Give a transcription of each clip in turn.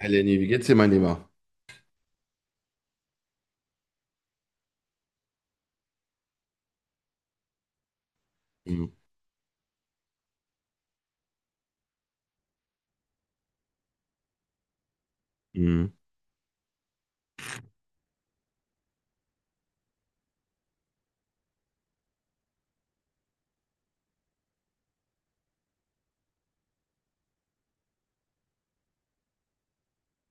Hi Lenny, wie geht's dir, mein Lieber? Mhm. Mhm.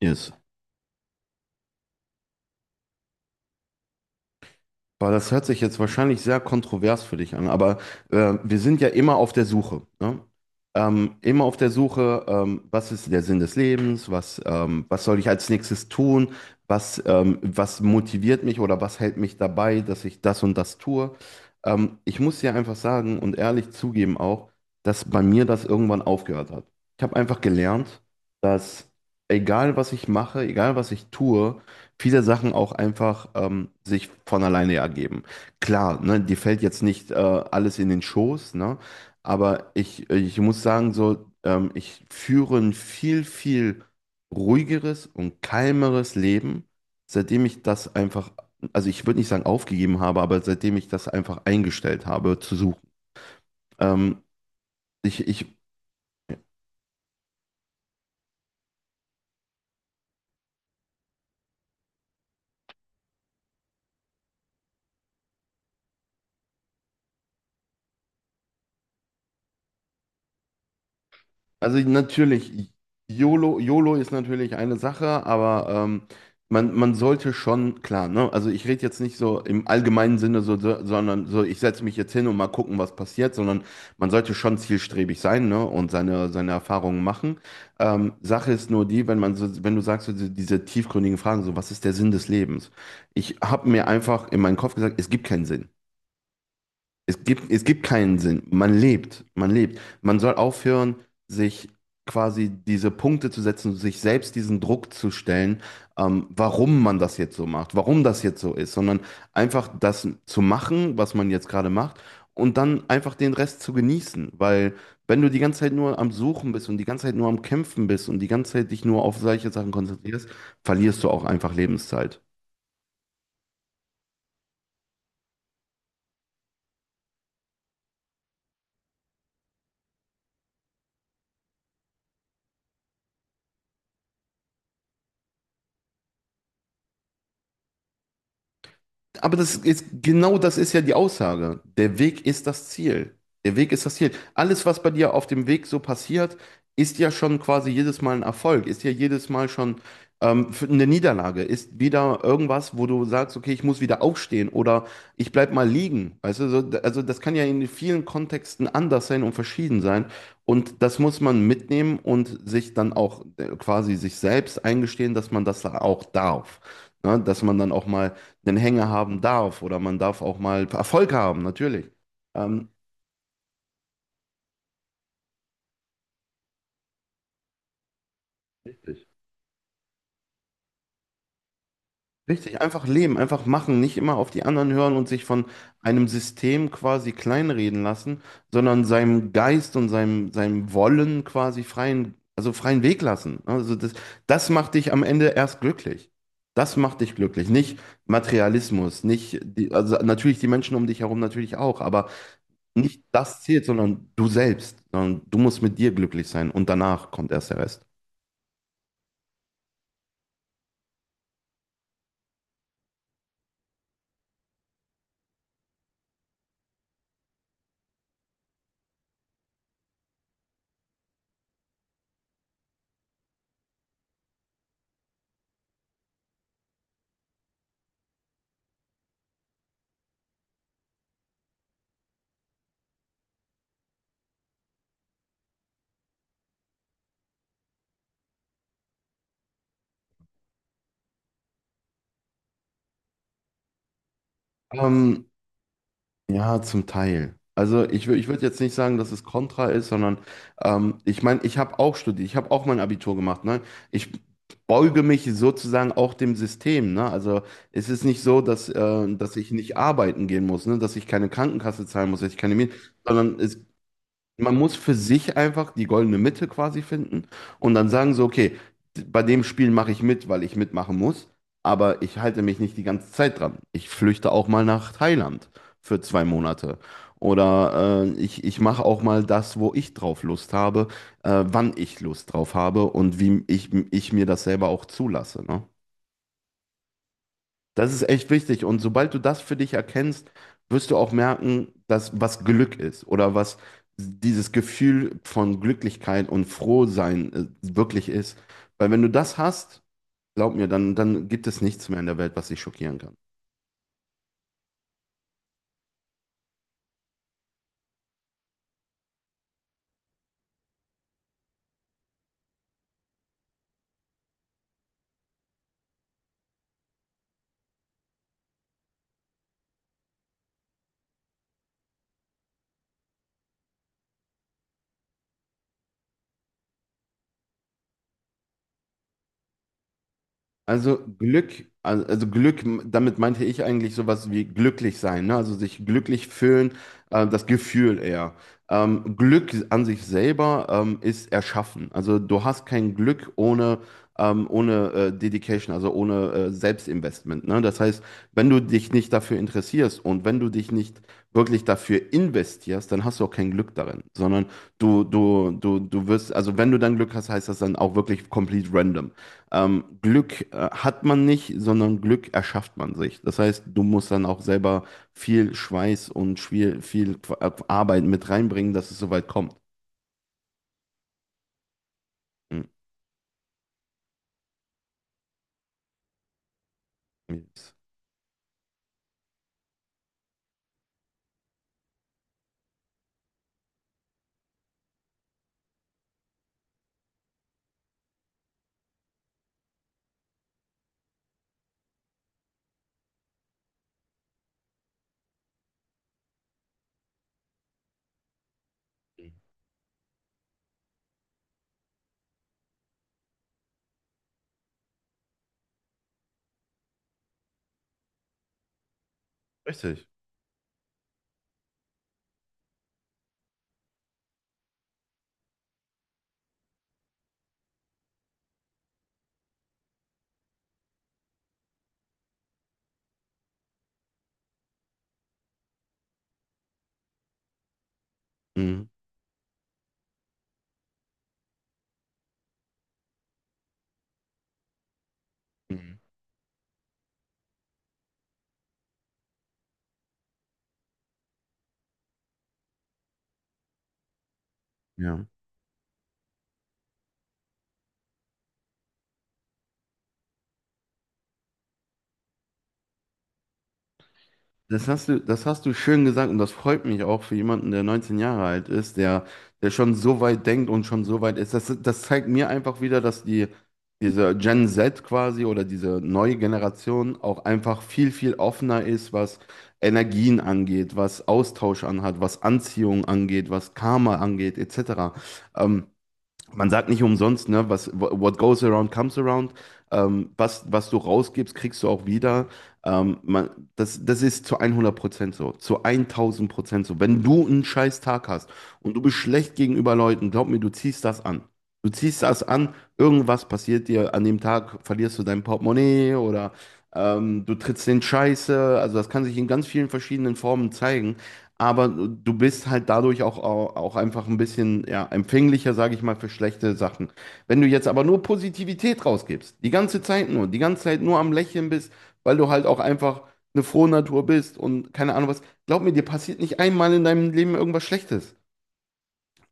Yes. Boah, das hört sich jetzt wahrscheinlich sehr kontrovers für dich an, aber wir sind ja immer auf der Suche, ne? Immer auf der Suche, was ist der Sinn des Lebens, was, was soll ich als nächstes tun, was, was motiviert mich oder was hält mich dabei, dass ich das und das tue. Ich muss dir einfach sagen und ehrlich zugeben auch, dass bei mir das irgendwann aufgehört hat. Ich habe einfach gelernt, dass egal was ich mache, egal was ich tue, viele Sachen auch einfach sich von alleine ergeben. Klar, ne, dir fällt jetzt nicht alles in den Schoß, ne, aber ich muss sagen, so, ich führe ein viel, viel ruhigeres und kalmeres Leben, seitdem ich das einfach, also ich würde nicht sagen aufgegeben habe, aber seitdem ich das einfach eingestellt habe zu suchen. Ähm, ich, ich Also natürlich, YOLO, YOLO ist natürlich eine Sache, aber man sollte schon, klar, ne? Also ich rede jetzt nicht so im allgemeinen Sinne, so, sondern so, ich setze mich jetzt hin und mal gucken, was passiert, sondern man sollte schon zielstrebig sein, ne? Und seine Erfahrungen machen. Sache ist nur die, wenn man so, wenn du sagst, so diese tiefgründigen Fragen, so, was ist der Sinn des Lebens? Ich habe mir einfach in meinen Kopf gesagt, es gibt keinen Sinn. Es gibt keinen Sinn. Man lebt, man lebt. Man soll aufhören, sich quasi diese Punkte zu setzen, sich selbst diesen Druck zu stellen, warum man das jetzt so macht, warum das jetzt so ist, sondern einfach das zu machen, was man jetzt gerade macht und dann einfach den Rest zu genießen. Weil wenn du die ganze Zeit nur am Suchen bist und die ganze Zeit nur am Kämpfen bist und die ganze Zeit dich nur auf solche Sachen konzentrierst, verlierst du auch einfach Lebenszeit. Aber das ist, genau das ist ja die Aussage. Der Weg ist das Ziel. Der Weg ist das Ziel. Alles, was bei dir auf dem Weg so passiert, ist ja schon quasi jedes Mal ein Erfolg, ist ja jedes Mal schon eine Niederlage, ist wieder irgendwas, wo du sagst, okay, ich muss wieder aufstehen oder ich bleib mal liegen. Weißt du, so, also das kann ja in vielen Kontexten anders sein und verschieden sein. Und das muss man mitnehmen und sich dann auch quasi sich selbst eingestehen, dass man das auch darf. Ne? Dass man dann auch mal einen Hänger haben darf oder man darf auch mal Erfolg haben, natürlich. Ähm, Richtig. Einfach leben, einfach machen, nicht immer auf die anderen hören und sich von einem System quasi kleinreden lassen, sondern seinem Geist und seinem Wollen quasi freien, also freien Weg lassen. Also das macht dich am Ende erst glücklich. Das macht dich glücklich, nicht Materialismus, nicht die, also natürlich die Menschen um dich herum natürlich auch, aber nicht das zählt, sondern du selbst. Sondern du musst mit dir glücklich sein und danach kommt erst der Rest. Ähm, ja, zum Teil. Also ich würde jetzt nicht sagen, dass es kontra ist, sondern ich meine, ich habe auch studiert, ich habe auch mein Abitur gemacht. Ne? Ich beuge mich sozusagen auch dem System. Ne? Also es ist nicht so, dass ich nicht arbeiten gehen muss, ne? Dass ich keine Krankenkasse zahlen muss, dass ich keine Miete, sondern es Man muss für sich einfach die goldene Mitte quasi finden und dann sagen so, okay, bei dem Spiel mache ich mit, weil ich mitmachen muss, aber ich halte mich nicht die ganze Zeit dran. Ich flüchte auch mal nach Thailand für 2 Monate. Oder ich mache auch mal das, wo ich drauf Lust habe, wann ich Lust drauf habe und wie ich mir das selber auch zulasse, ne? Das ist echt wichtig. Und sobald du das für dich erkennst, wirst du auch merken, dass was Glück ist oder was dieses Gefühl von Glücklichkeit und Frohsein wirklich ist. Weil wenn du das hast, glaub mir, dann gibt es nichts mehr in der Welt, was dich schockieren kann. Also Glück, Glück, damit meinte ich eigentlich sowas wie glücklich sein, ne? Also sich glücklich fühlen, das Gefühl eher. Glück an sich selber ist erschaffen. Also du hast kein Glück ohne, Dedication, also ohne Selbstinvestment, ne? Das heißt, wenn du dich nicht dafür interessierst und wenn du dich nicht wirklich dafür investierst, dann hast du auch kein Glück darin, sondern du wirst, also wenn du dann Glück hast, heißt das dann auch wirklich complete random. Glück hat man nicht, sondern Glück erschafft man sich. Das heißt, du musst dann auch selber viel Schweiß und viel, viel Arbeit mit reinbringen, dass es so weit kommt. Mhm. Yes. Richtig. Mhm. Mhm. Ja. Das hast du schön gesagt, und das freut mich auch für jemanden, der 19 Jahre alt ist, der schon so weit denkt und schon so weit ist. Das, zeigt mir einfach wieder, dass diese Gen Z quasi oder diese neue Generation auch einfach viel, viel offener ist, was Energien angeht, was Austausch anhat, was Anziehung angeht, was Karma angeht, etc. Ähm, Man sagt nicht umsonst, ne, was what goes around comes around. Was du rausgibst, kriegst du auch wieder. Ähm, man, das ist zu 100% so, zu 1000% so. Wenn du einen scheiß Tag hast und du bist schlecht gegenüber Leuten, glaub mir, du ziehst das an. Du ziehst das an, irgendwas passiert dir an dem Tag, verlierst du dein Portemonnaie oder du trittst in Scheiße. Also das kann sich in ganz vielen verschiedenen Formen zeigen, aber du bist halt dadurch auch, einfach ein bisschen ja, empfänglicher, sage ich mal, für schlechte Sachen. Wenn du jetzt aber nur Positivität rausgibst, die ganze Zeit nur am Lächeln bist, weil du halt auch einfach eine frohe Natur bist und keine Ahnung was, glaub mir, dir passiert nicht einmal in deinem Leben irgendwas Schlechtes.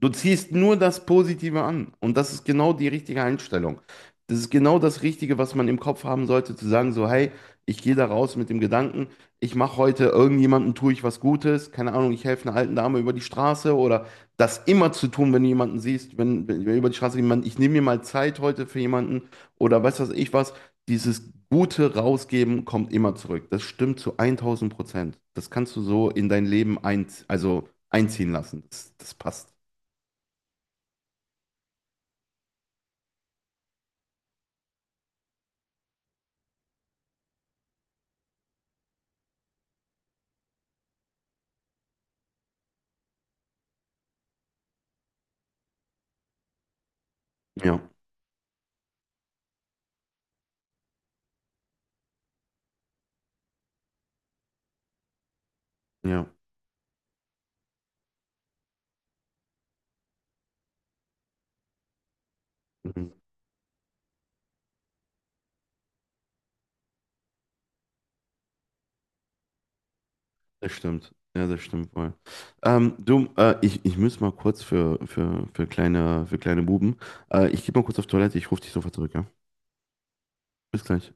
Du ziehst nur das Positive an. Und das ist genau die richtige Einstellung. Das ist genau das Richtige, was man im Kopf haben sollte, zu sagen, so, hey, ich gehe da raus mit dem Gedanken, ich mache heute irgendjemandem, tue ich was Gutes, keine Ahnung, ich helfe einer alten Dame über die Straße oder das immer zu tun, wenn du jemanden siehst, wenn über die Straße jemand, ich nehme mir mal Zeit heute für jemanden oder weiß was ich was, dieses Gute rausgeben kommt immer zurück. Das stimmt zu 1000%. Das kannst du so in dein Leben ein, also einziehen lassen. Das passt. Ja, ja, mhm. Das stimmt. Ja, das stimmt wohl. Du, ich muss mal kurz für, für kleine Buben. Ich gehe mal kurz auf Toilette, ich rufe dich sofort zurück, ja? Bis gleich.